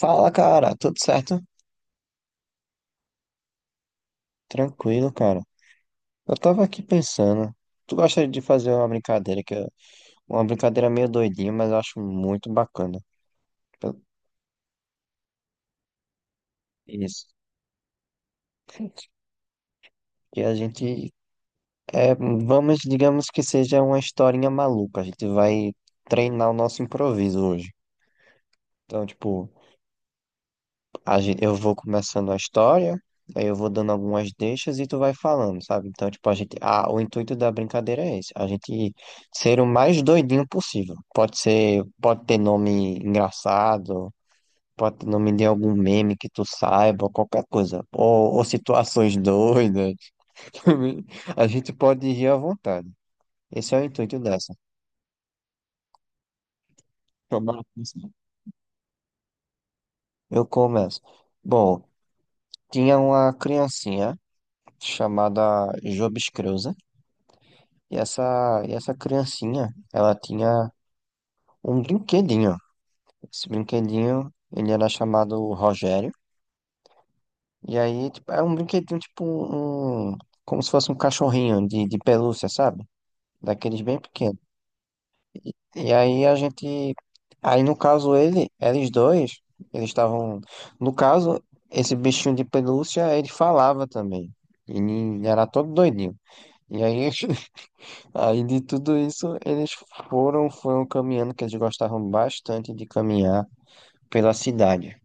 Fala, cara, tudo certo? Tranquilo, cara. Eu tava aqui pensando, tu gosta de fazer uma brincadeira que é uma brincadeira meio doidinha, mas eu acho muito bacana. Eu- Isso. E a gente digamos que seja uma historinha maluca. A gente vai treinar o nosso improviso hoje. Então, tipo, eu vou começando a história, aí eu vou dando algumas deixas e tu vai falando, sabe? Então, tipo, a gente. Ah, o intuito da brincadeira é esse, a gente ser o mais doidinho possível. Pode ser, pode ter nome engraçado, pode ter nome de algum meme que tu saiba, qualquer coisa. Ou situações doidas. A gente pode rir à vontade. Esse é o intuito dessa. Tomara que sim. Eu começo. Bom, tinha uma criancinha chamada Jobs. E essa, e essa criancinha, ela tinha um brinquedinho. Esse brinquedinho, ele era chamado Rogério. E aí, tipo, era um brinquedinho, tipo, um, como se fosse um cachorrinho de pelúcia, sabe? Daqueles bem pequenos. E aí a gente, aí no caso ele, eles dois, eles estavam, no caso, esse bichinho de pelúcia, ele falava também. Ele era todo doidinho. E aí aí de tudo isso, eles foram caminhando, que eles gostavam bastante de caminhar pela cidade.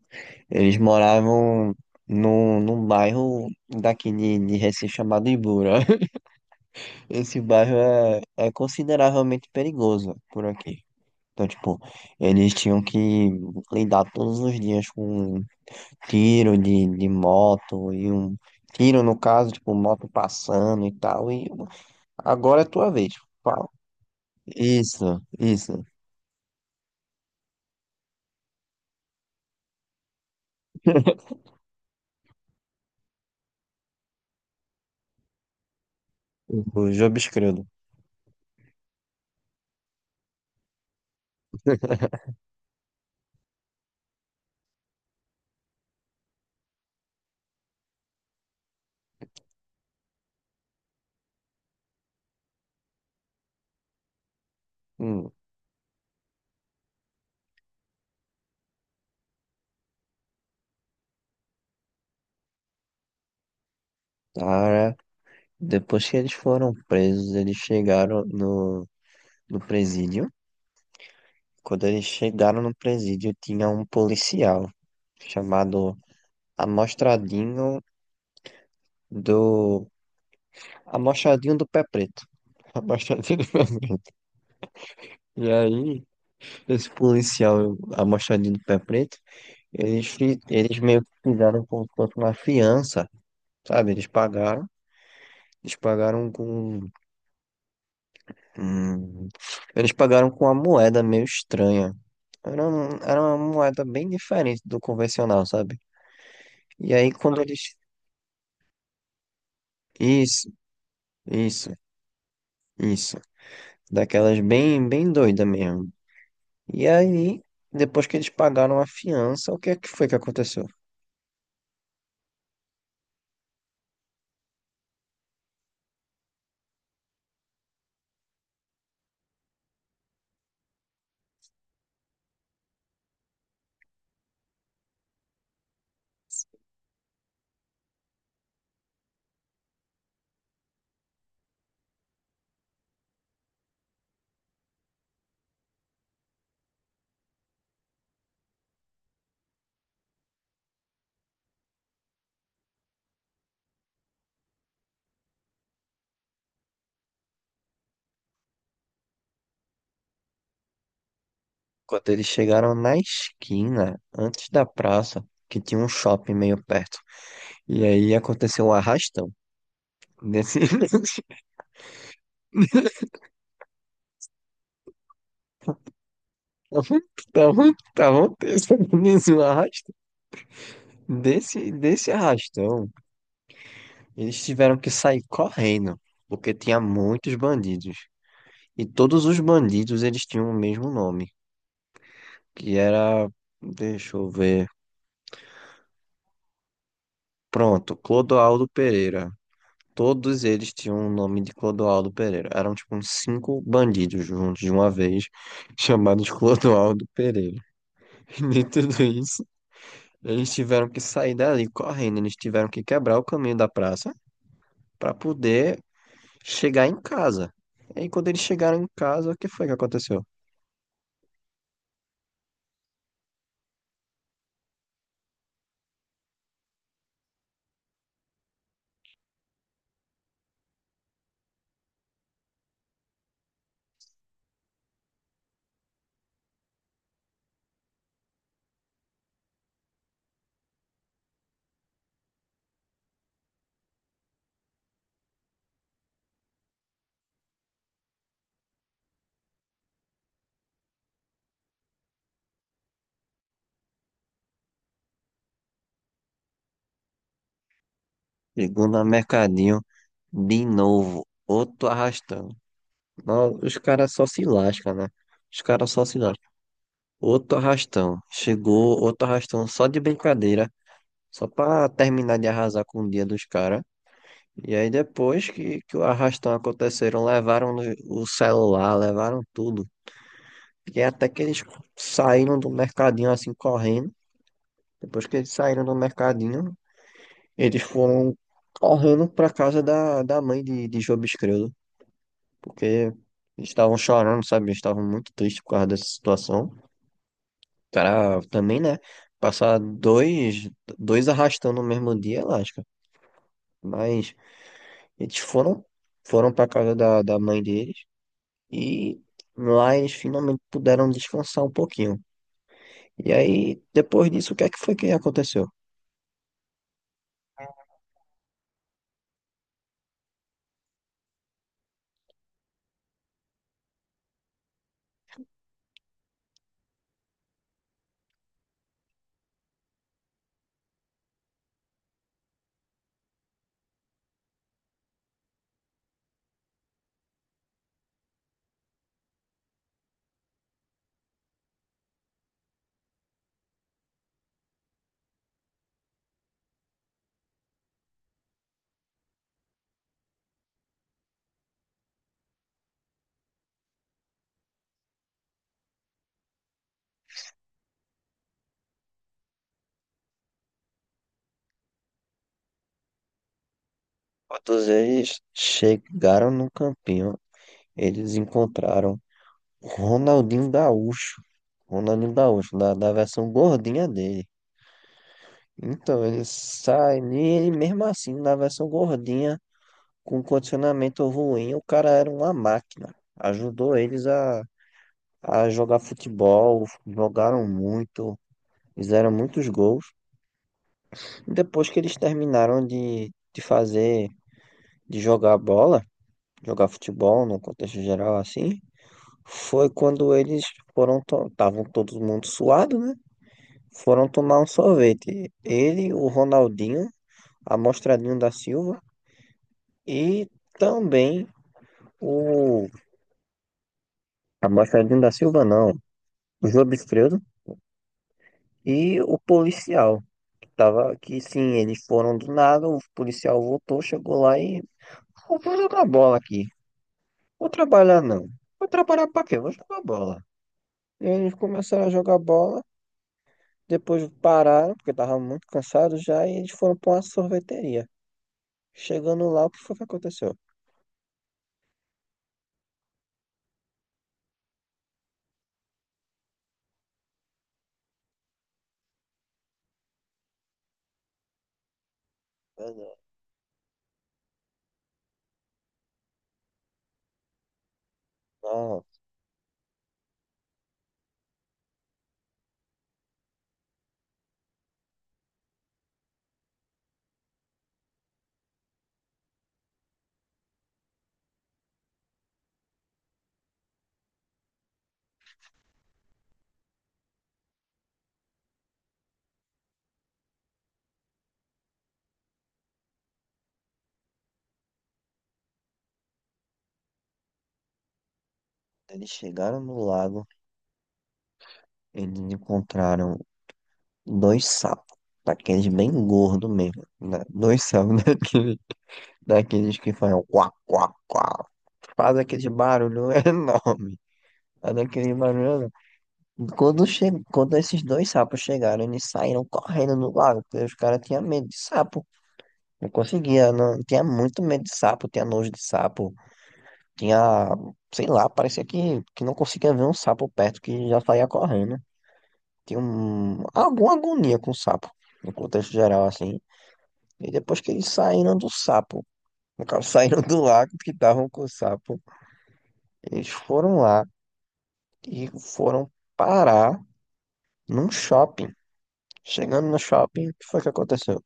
Eles moravam num bairro daqui de Recife chamado Ibura. Esse bairro é consideravelmente perigoso por aqui. Então, tipo, eles tinham que lidar todos os dias com um tiro de moto e um tiro, no caso, tipo, moto passando e tal. E agora é tua vez. Pau. Isso, isso. Os obscuros. Hum, cara, depois que eles foram presos, eles chegaram no presídio. Quando eles chegaram no presídio, tinha um policial chamado Amostradinho do... Amostradinho do Pé Preto. Amostradinho do Pé Preto. E aí, esse policial Amostradinho do Pé Preto, eles, eles meio que fizeram como se fosse uma fiança, sabe? Eles pagaram. Eles pagaram com Hum, eles pagaram com uma moeda meio estranha. Era, era uma moeda bem diferente do convencional, sabe? E aí quando eles. Isso, isso, isso. Daquelas bem, bem doida mesmo. E aí, depois que eles pagaram a fiança, o que é que foi que aconteceu? Quando eles chegaram na esquina, antes da praça, que tinha um shopping meio perto. E aí aconteceu um arrastão. Nesse... Estavam estavam- estavam tendo um arrastão. Desse arrastão, eles tiveram que sair correndo, porque tinha muitos bandidos. E todos os bandidos eles tinham o mesmo nome, que era, deixa eu ver, pronto, Clodoaldo Pereira. Todos eles tinham o nome de Clodoaldo Pereira. Eram tipo uns cinco bandidos juntos de uma vez, chamados Clodoaldo Pereira. E nem tudo isso, eles tiveram que sair dali correndo, eles tiveram que quebrar o caminho da praça para poder chegar em casa. E aí, quando eles chegaram em casa, o que foi que aconteceu? Chegou no mercadinho de novo. Outro arrastão. Não, os caras só se lascam, né? Os caras só se lascam. Outro arrastão. Chegou outro arrastão só de brincadeira. Só pra terminar de arrasar com o dia dos caras. E aí, depois que o arrastão aconteceram, levaram o celular, levaram tudo. E até que eles saíram do mercadinho assim correndo. Depois que eles saíram do mercadinho, eles foram correndo para casa da, da mãe de Job Escredo, porque eles estavam chorando, sabe? Eles estavam muito tristes por causa dessa situação. O cara também, né? Passar dois arrastando no mesmo dia, é lasca. Mas eles foram, foram para casa da mãe deles e lá eles finalmente puderam descansar um pouquinho. E aí, depois disso, o que é que foi que aconteceu? Quando eles chegaram no campinho, eles encontraram Ronaldinho Gaúcho. Ronaldinho Gaúcho, da versão gordinha dele. Então, ele sai, e ele mesmo assim, na versão gordinha, com condicionamento ruim, o cara era uma máquina. Ajudou eles a jogar futebol, jogaram muito, fizeram muitos gols. Depois que eles terminaram de jogar bola, jogar futebol no contexto geral assim, foi quando eles foram, estavam todo mundo suado, né? Foram tomar um sorvete. Ele, o Ronaldinho, Amostradinho da Silva e também o. Amostradinho da Silva, não. O João Bisfredo e o policial. Que tava, que sim, eles foram do nada. O policial voltou, chegou lá e. "Eu vou jogar bola aqui. Vou trabalhar, não. Vou trabalhar pra quê? Vou jogar bola." E eles começaram a jogar bola. Depois pararam, porque estavam muito cansados já. E eles foram pra uma sorveteria. Chegando lá, o que foi que aconteceu? Não, eles chegaram no lago, eles encontraram dois sapos, daqueles bem gordos mesmo, né? Dois sapos daqueles, daqueles que fazem quá, quá, quá, faz aquele barulho enorme, faz aquele barulho enorme. Quando, che... Quando esses dois sapos chegaram, eles saíram correndo no lago, porque os caras tinham medo de sapo, não conseguia, não... tinha muito medo de sapo, tinha nojo de sapo, tinha, sei lá, parecia que não conseguia ver um sapo perto, que já saía correndo. Tinha um, alguma agonia com o sapo, no contexto geral, assim. E depois que eles saíram do sapo, no caso, saíram do lago que estavam com o sapo, eles foram lá e foram parar num shopping. Chegando no shopping, o que foi que aconteceu?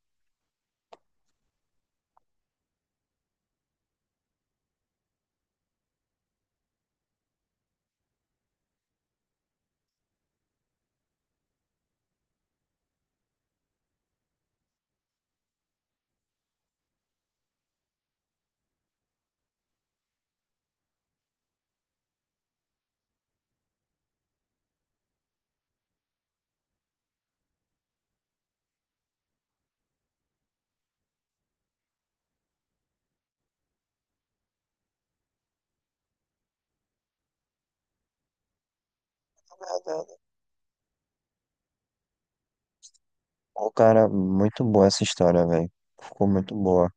O cara, muito boa essa história, velho. Ficou muito boa.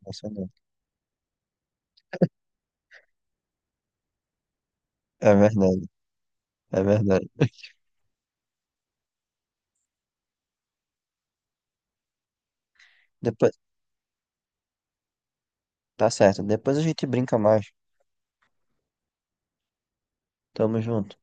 Emocionante. É verdade, é verdade. Depois, tá certo. Depois a gente brinca mais. Tamo junto.